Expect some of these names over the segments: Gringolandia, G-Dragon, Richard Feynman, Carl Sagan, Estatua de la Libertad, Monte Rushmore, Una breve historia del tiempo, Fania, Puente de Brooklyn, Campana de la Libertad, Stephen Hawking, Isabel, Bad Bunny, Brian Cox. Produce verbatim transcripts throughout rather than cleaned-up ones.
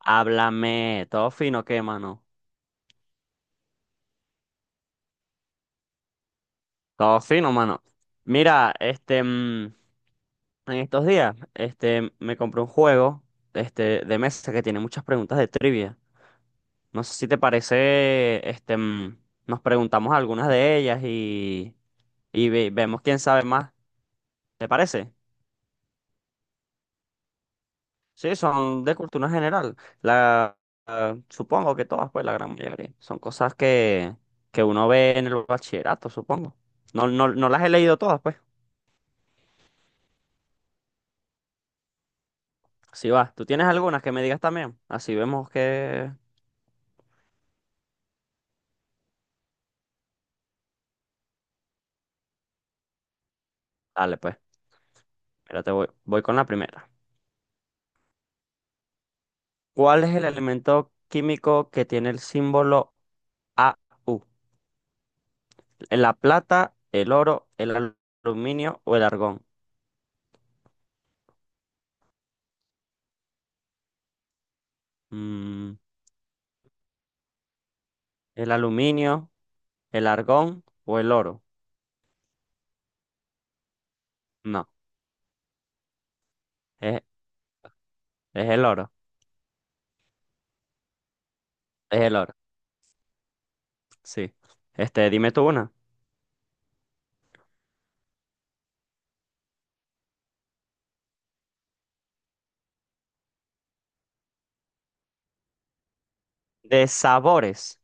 Háblame, todo fino, ¿qué, mano? Todo fino, mano. Mira, este, mm, en estos días, este, me compré un juego, este, de mesa que tiene muchas preguntas de trivia. No sé si te parece, este, mm, nos preguntamos algunas de ellas y, y ve- vemos quién sabe más. ¿Te parece? Sí, son de cultura general. La, la- supongo que todas, pues, la gran mayoría. Son cosas que, que uno ve en el bachillerato, supongo. No, no, no las he leído todas, pues. Si vas, ¿tú tienes algunas que me digas también? Así vemos que... Dale, pues, mira, te voy, voy con la primera. ¿Cuál es el elemento químico que tiene el símbolo A U? ¿La plata, el oro, el al- aluminio o el argón? Mm, ¿El aluminio, el argón o el oro? No, es, es el oro, es el oro, sí. Este, dime tú una. De sabores.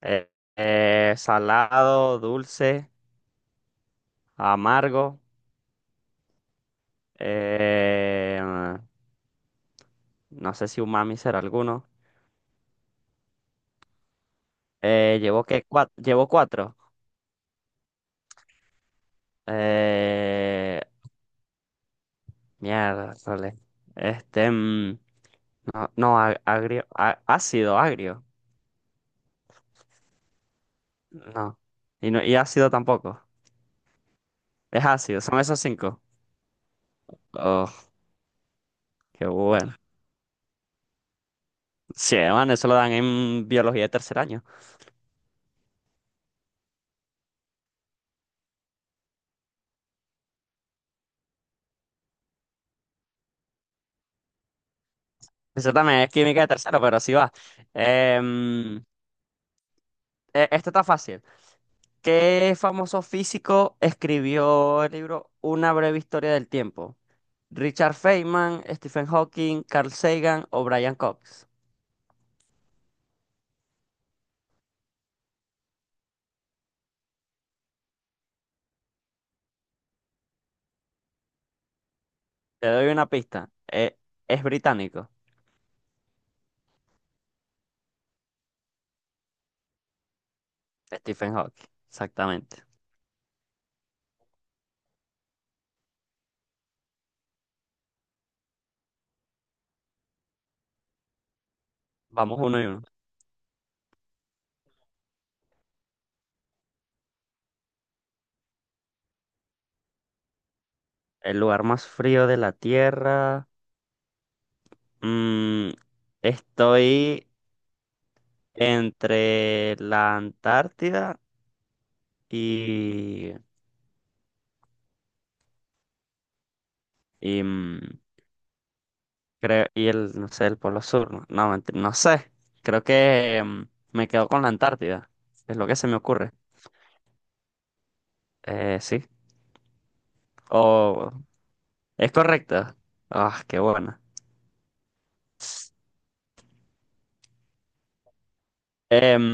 eh, eh, Salado, dulce, amargo. Eh, No sé si umami será alguno. Eh, llevo que cuatro. Llevo cuatro. Eh, Mierda, sole. Este, mm, no, no, a- agrio, a- ácido, agrio. No. Y no, y ácido tampoco. Es ácido, son esos cinco. Oh, qué bueno. Sí, man, eso lo dan en biología de tercer año. Eso también es química de tercero, pero sí va. Em, e- Esto está fácil. ¿Qué famoso físico escribió el libro Una breve historia del tiempo? Richard Feynman, Stephen Hawking, Carl Sagan o Brian Cox. Te doy una pista. Eh, es británico. Stephen Hawking, exactamente. Vamos uno y uno. El lugar más frío de la Tierra. Mm, Estoy entre la Antártida y, y, mm, creo, y el, no sé, el Polo Sur. No, No, ment- no sé. Creo que mm, me quedo con la Antártida. Es lo que se me ocurre. Eh, sí. O Es correcto. Ah, qué bueno. Em,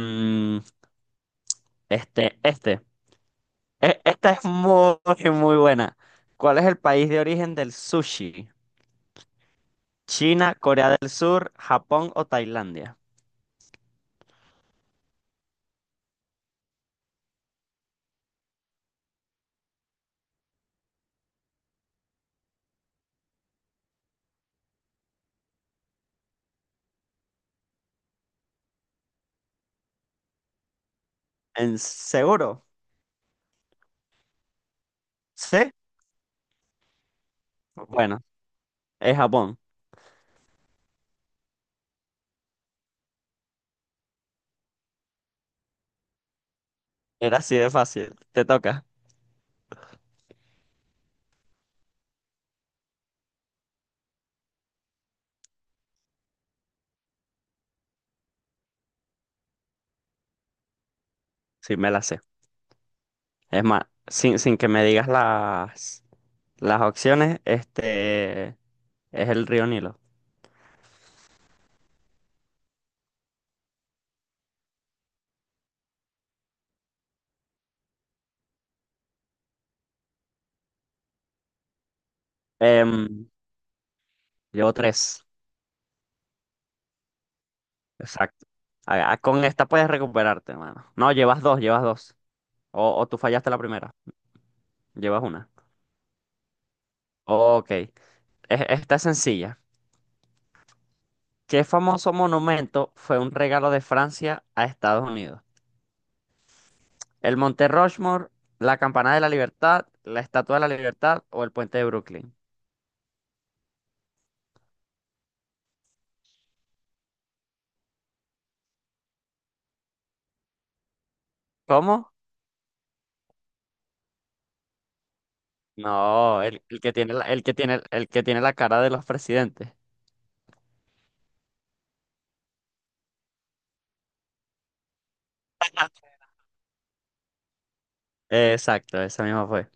este, este. E- Esta es muy, muy buena. ¿Cuál es el país de origen del sushi? ¿China, Corea del Sur, Japón o Tailandia? ¿En seguro? ¿Sí? Bueno, es Japón. Era así de fácil. Te toca. Sí, me la sé. Es más, sin, sin que me digas las, las opciones, este es el río Nilo. Em, Llevo tres. Exacto. Ah, ah, con esta puedes recuperarte, mano. No, llevas dos, llevas dos. O, o tú fallaste la primera. Llevas una. Ok. E- Esta es sencilla. ¿Qué famoso monumento fue un regalo de Francia a Estados Unidos? ¿El Monte Rushmore, la Campana de la Libertad, la Estatua de la Libertad o el Puente de Brooklyn? ¿Cómo? No, el, el que tiene la, el que tiene, el que tiene la cara de los presidentes. Exacto, esa misma fue.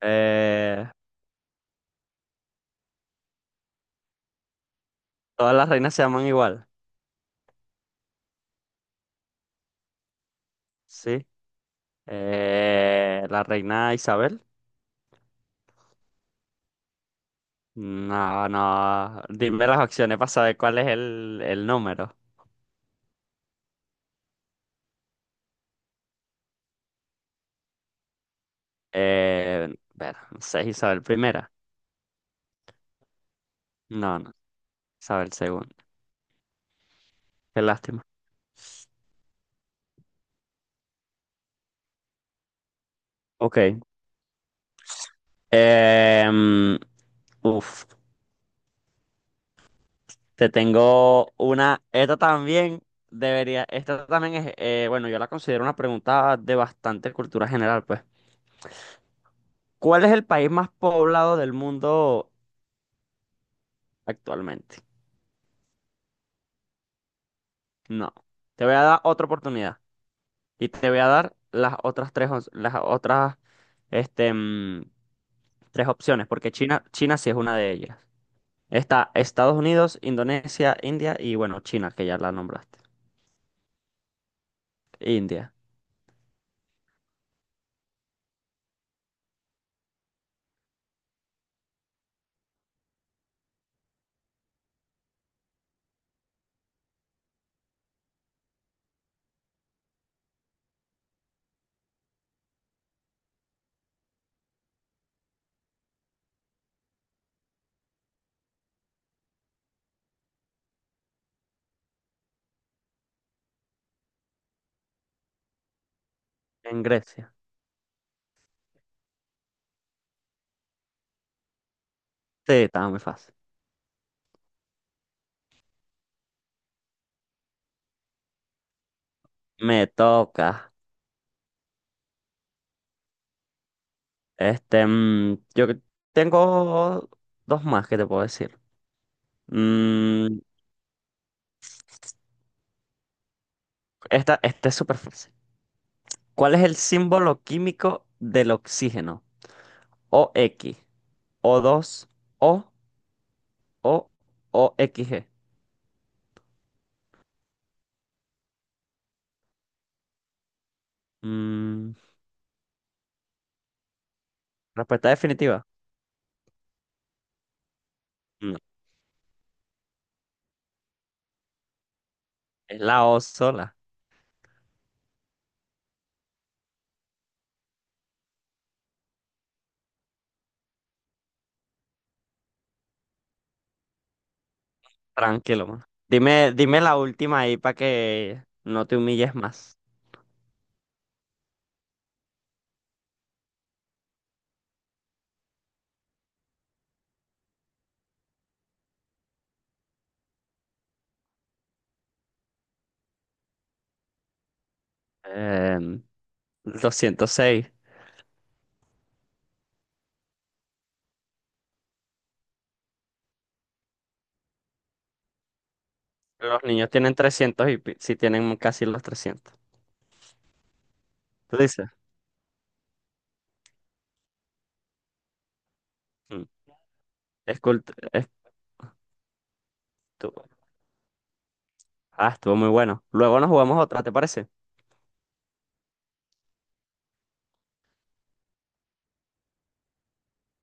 Eh, Todas las reinas se llaman igual. Sí. Eh, la reina Isabel. No, no. Dime las opciones para saber cuál es el, el número. Eh, ver, no sé, Isabel primera. No, no. Isabel segunda. Qué lástima. Ok. Em, Uf, te tengo una. Esta también debería. Esta también es. Eh, bueno, yo la considero una pregunta de bastante cultura general, pues. ¿Cuál es el país más poblado del mundo actualmente? No. Te voy a dar otra oportunidad. Y te voy a dar las otras tres, op- las otras, este, mm, tres opciones, porque China, China sí es una de ellas. Está Estados Unidos, Indonesia, India y bueno, China, que ya la nombraste. India, en Grecia. Sí, estaba muy fácil. Me toca. Este, mm, yo que- tengo dos más que te puedo decir. Mm, esta, esta es súper fácil. ¿Cuál es el símbolo químico del oxígeno? O x o dos o O o X G. Mm, Respuesta definitiva. No, es la O sola. Tranquilo, mano. Dime, dime la última ahí para que no te humilles más. Em, Doscientos seis. Los niños tienen trescientos y si tienen casi los trescientos. ¿Tú dices? Mm, es cult- es tu- Ah, estuvo muy bueno. Luego nos jugamos otra, ¿te parece?